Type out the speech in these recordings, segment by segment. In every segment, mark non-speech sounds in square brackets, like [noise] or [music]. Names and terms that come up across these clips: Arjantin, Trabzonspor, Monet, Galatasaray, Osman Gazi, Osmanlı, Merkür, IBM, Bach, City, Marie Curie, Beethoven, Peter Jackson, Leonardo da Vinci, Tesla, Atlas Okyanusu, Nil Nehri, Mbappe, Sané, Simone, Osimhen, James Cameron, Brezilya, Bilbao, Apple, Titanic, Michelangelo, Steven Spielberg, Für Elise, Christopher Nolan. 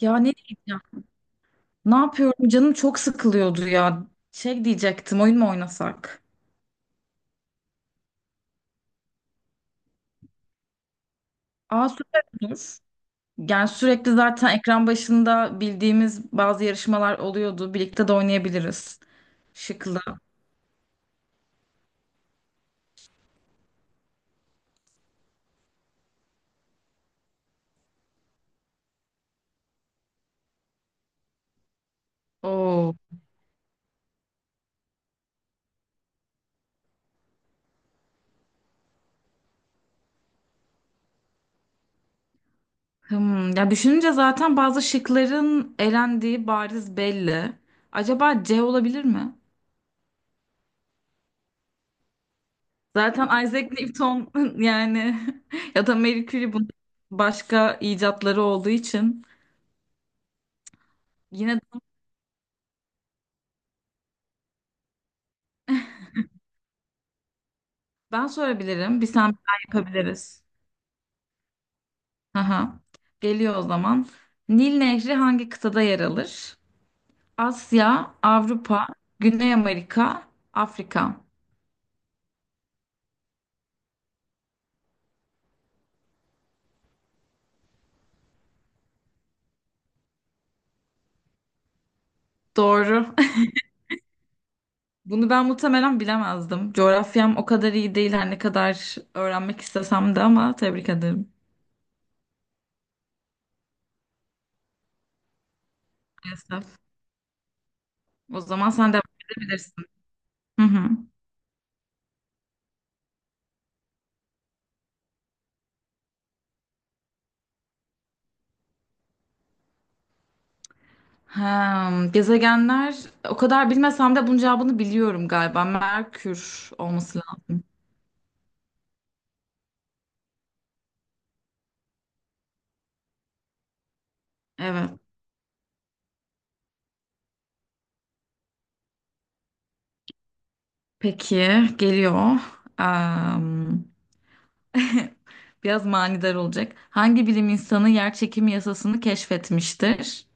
Ya ne diyeceğim? Ne yapıyorum? Canım çok sıkılıyordu ya. Şey diyecektim, oyun mu oynasak? Aa süper olur. Yani sürekli zaten ekran başında bildiğimiz bazı yarışmalar oluyordu. Birlikte de oynayabiliriz. Şıklı. Oo. Hmm. Ya düşününce zaten bazı şıkların elendiği bariz belli. Acaba C olabilir mi? Zaten Isaac Newton [laughs] yani [laughs] ya da Marie Curie bunun başka icatları olduğu için yine. Ben sorabilirim. Bir sen bir ben yapabiliriz. Aha. Geliyor o zaman. Nil Nehri hangi kıtada yer alır? Asya, Avrupa, Güney Amerika, Afrika. Doğru. [laughs] Bunu ben muhtemelen bilemezdim. Coğrafyam o kadar iyi değil her ne kadar öğrenmek istesem de ama tebrik ederim. Maalesef. O zaman sen devam edebilirsin. Hı hı. Ha, gezegenler o kadar bilmesem de bunun cevabını biliyorum galiba. Merkür olması lazım. Evet. Peki geliyor. Am, [laughs] biraz manidar olacak. Hangi bilim insanı yer çekimi yasasını keşfetmiştir?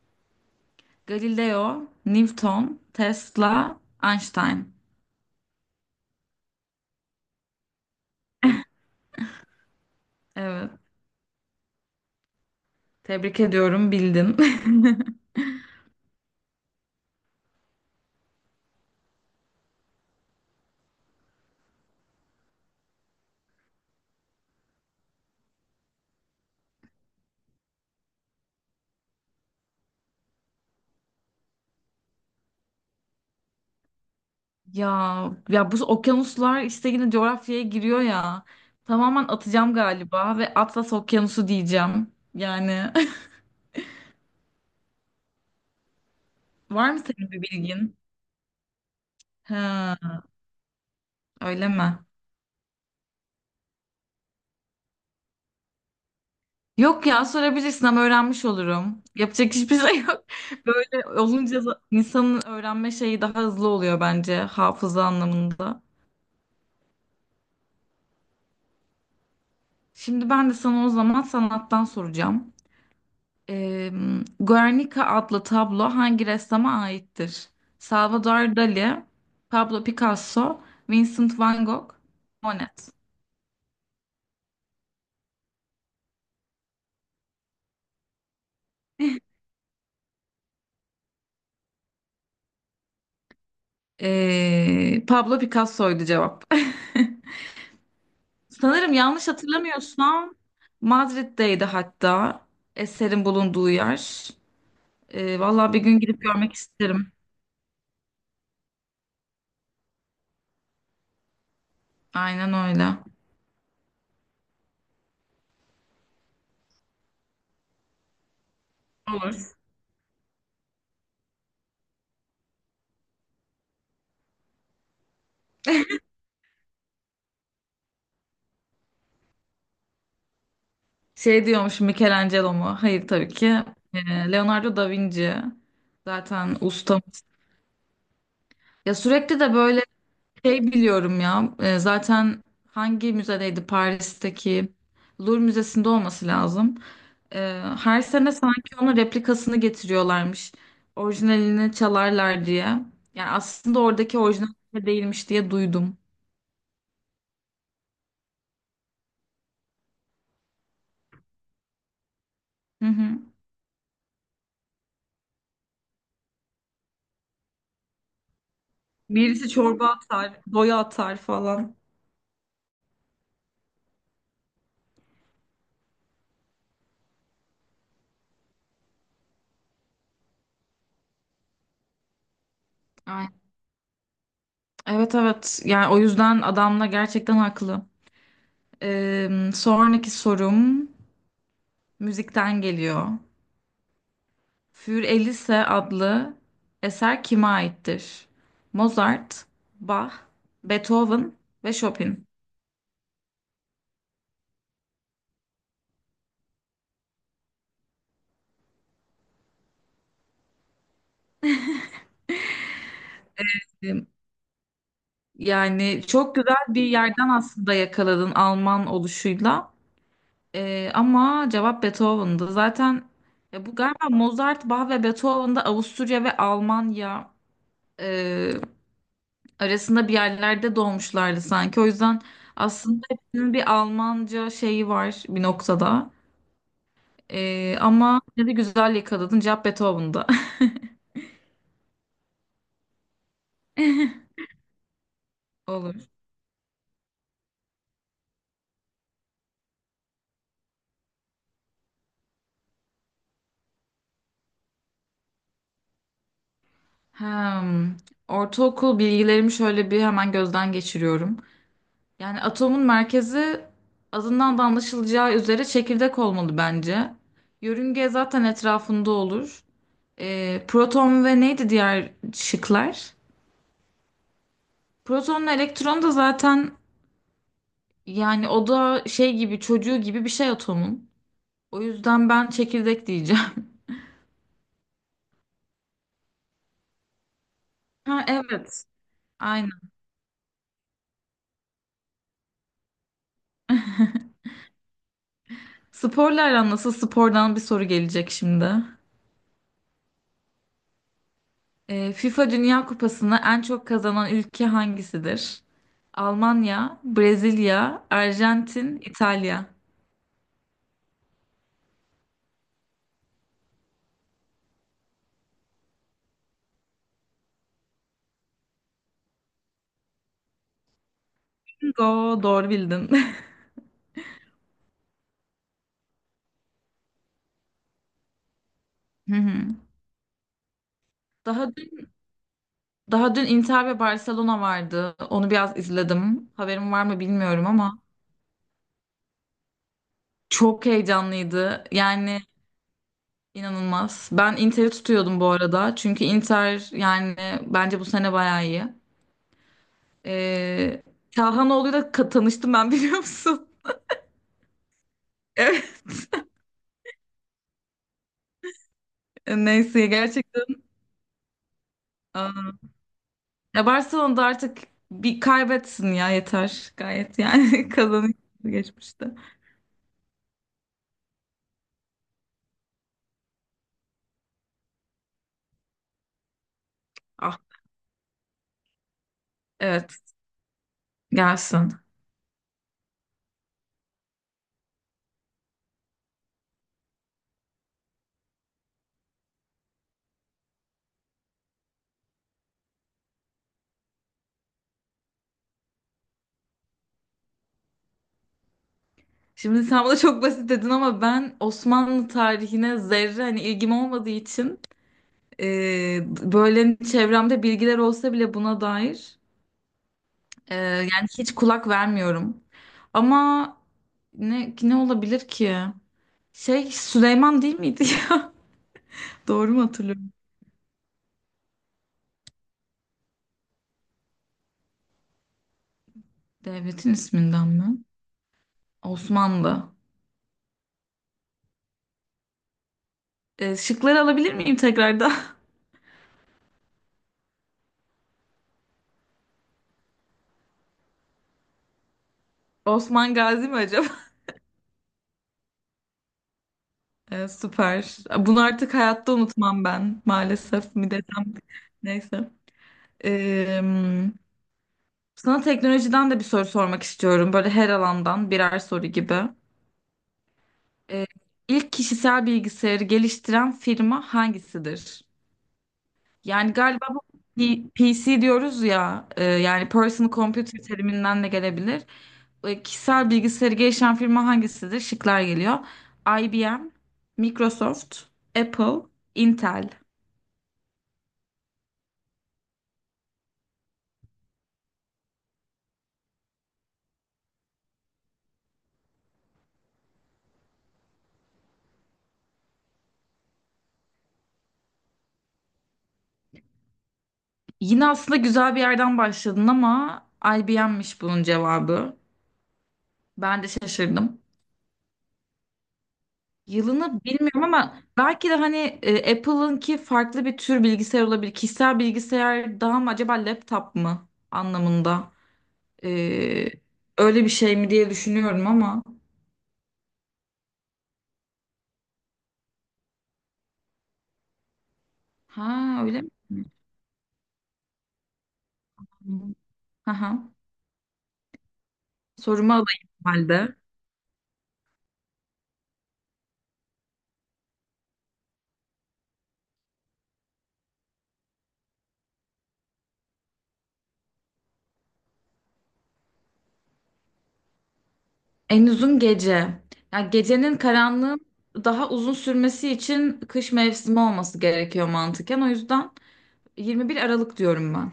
Galileo, Newton, Tesla, Einstein. Evet. Tebrik ediyorum, bildin. [laughs] Ya ya bu okyanuslar işte yine coğrafyaya giriyor ya. Tamamen atacağım galiba ve Atlas Okyanusu diyeceğim. Yani [laughs] var mı senin bir bilgin? Ha, öyle mi? Yok ya sorabilirsin ama öğrenmiş olurum. Yapacak hiçbir şey yok. [laughs] Böyle olunca da insanın öğrenme şeyi daha hızlı oluyor bence hafıza anlamında. Şimdi ben de sana o zaman sanattan soracağım. Ee, Guernica adlı tablo hangi ressama aittir? Salvador Dali, Pablo Picasso, Vincent van Gogh, Monet. Pablo Picasso'ydu cevap. [laughs] Sanırım yanlış hatırlamıyorsam Madrid'deydi hatta eserin bulunduğu yer. Vallahi bir gün gidip görmek isterim. Aynen öyle. Olur. Şey diyormuş Michelangelo mu? Hayır tabii ki. Leonardo da Vinci. Zaten ustamız. Ya sürekli de böyle şey biliyorum ya zaten hangi müzedeydi Paris'teki Louvre Müzesi'nde olması lazım. E, her sene sanki onun replikasını getiriyorlarmış. Orijinalini çalarlar diye. Yani aslında oradaki orijinal değilmiş diye duydum. Hı hı. Birisi çorba atar, boya atar falan. Ay, evet evet yani o yüzden adamla gerçekten haklı. E, sonraki sorum müzikten geliyor. Für Elise adlı eser kime aittir? Mozart, Bach, Beethoven ve Chopin. E, yani çok güzel bir yerden aslında yakaladın Alman oluşuyla. E, ama cevap Beethoven'dı. Zaten ya bu galiba Mozart, Bach ve Beethoven'da Avusturya ve Almanya e, arasında bir yerlerde doğmuşlardı sanki. O yüzden aslında hepsinin bir Almanca şeyi var bir noktada. Ama yine de güzel yakaladın. Cevap Beethoven'da. [laughs] Olur. Hem, ortaokul bilgilerimi şöyle bir hemen gözden geçiriyorum. Yani atomun merkezi adından da anlaşılacağı üzere çekirdek olmalı bence. Yörünge zaten etrafında olur. Proton ve neydi diğer şıklar? Protonla elektron da zaten yani o da şey gibi çocuğu gibi bir şey atomun. O yüzden ben çekirdek diyeceğim. [laughs] Ha evet. Sporla aran nasıl? Spordan bir soru gelecek şimdi. FIFA Dünya Kupası'nı en çok kazanan ülke hangisidir? Almanya, Brezilya, Arjantin, İtalya. Bingo, doğru bildin. [laughs] Hı hı. Daha dün, daha dün Inter ve Barcelona vardı. Onu biraz izledim. Haberim var mı bilmiyorum ama çok heyecanlıydı. Yani inanılmaz. Ben Inter'i tutuyordum bu arada. Çünkü Inter yani bence bu sene bayağı iyi. Ee, Kahhanoğlu'yla tanıştım ben biliyor musun? [laughs] Evet. Neyse gerçekten. Aa. Ya Barcelona'da artık bir kaybetsin ya yeter gayet yani [laughs] kazanıyor geçmişte. Ah evet, gelsin. Şimdi sen bana çok basit dedin ama ben Osmanlı tarihine zerre hani ilgim olmadığı için e, böyle çevremde bilgiler olsa bile buna dair yani hiç kulak vermiyorum. Ama ne ne olabilir ki? Şey Süleyman değil miydi ya? [laughs] Doğru mu hatırlıyorum? Devletin isminden mi? Osmanlı. Şıkları alabilir miyim tekrardan? [laughs] Osman Gazi mi acaba? [laughs] Süper. Bunu artık hayatta unutmam ben. Maalesef mi desem. Neyse. Ee, Sana teknolojiden de bir soru sormak istiyorum. Böyle her alandan birer soru gibi. Ee, ilk kişisel bilgisayarı geliştiren firma hangisidir? Yani galiba bu PC diyoruz ya yani personal computer teriminden de gelebilir. E, kişisel bilgisayarı geliştiren firma hangisidir? Şıklar geliyor. IBM, Microsoft, Apple, Intel. Yine aslında güzel bir yerden başladın ama IBM'miş bunun cevabı. Ben de şaşırdım. Yılını bilmiyorum ama belki de hani Apple'ınki farklı bir tür bilgisayar olabilir. Kişisel bilgisayar daha mı acaba laptop mu anlamında? Ee, Öyle bir şey mi diye düşünüyorum ama. Ha öyle mi? Aha. Sorumu alayım o halde. En uzun gece. Yani gecenin karanlığın daha uzun sürmesi için kış mevsimi olması gerekiyor mantıken. O yüzden 21 Aralık diyorum ben.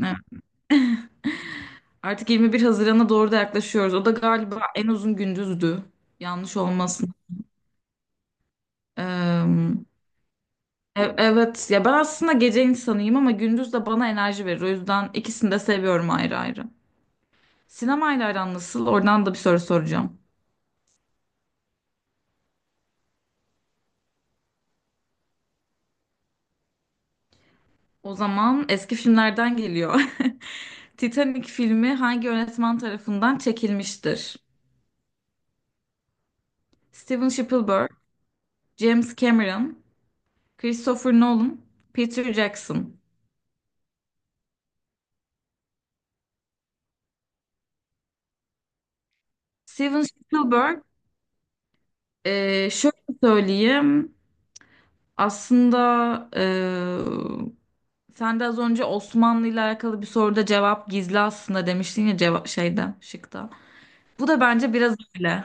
Evet. Artık 21 Haziran'a doğru da yaklaşıyoruz. O da galiba en uzun gündüzdü. Yanlış olmasın. Ee, evet ya ben aslında gece insanıyım ama gündüz de bana enerji verir. O yüzden ikisini de seviyorum ayrı ayrı. Sinemayla aran nasıl? Oradan da bir soru soracağım. O zaman eski filmlerden geliyor. [laughs] Titanic filmi hangi yönetmen tarafından çekilmiştir? Steven Spielberg, James Cameron, Christopher Nolan, Peter Jackson. Steven Spielberg, şöyle söyleyeyim. Aslında e, sen de az önce Osmanlı ile alakalı bir soruda cevap gizli aslında demiştin ya, cevap şeyde, şıkta. Bu da bence biraz öyle.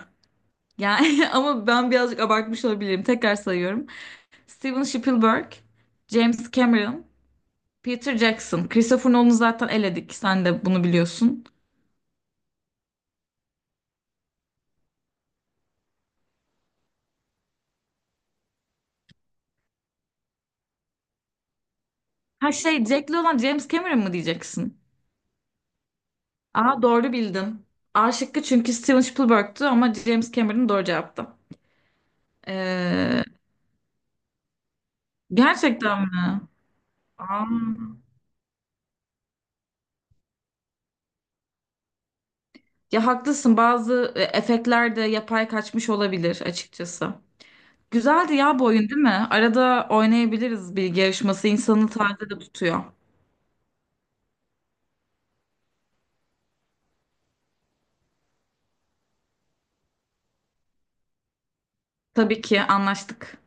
Yani [laughs] ama ben birazcık abartmış olabilirim. Tekrar sayıyorum. Steven Spielberg, James Cameron, Peter Jackson. Christopher Nolan'ı zaten eledik. Sen de bunu biliyorsun. Ha şey Jack'li olan James Cameron mı diyeceksin? Aa doğru bildin. A şıkkı çünkü Steven Spielberg'tü ama James Cameron doğru cevaptı. Ee, Gerçekten mi? Aa. Ya haklısın, bazı efektler de yapay kaçmış olabilir açıkçası. Güzeldi ya bu oyun değil mi? Arada oynayabiliriz bilgi yarışması. İnsanı taze de tutuyor. Tabii ki anlaştık.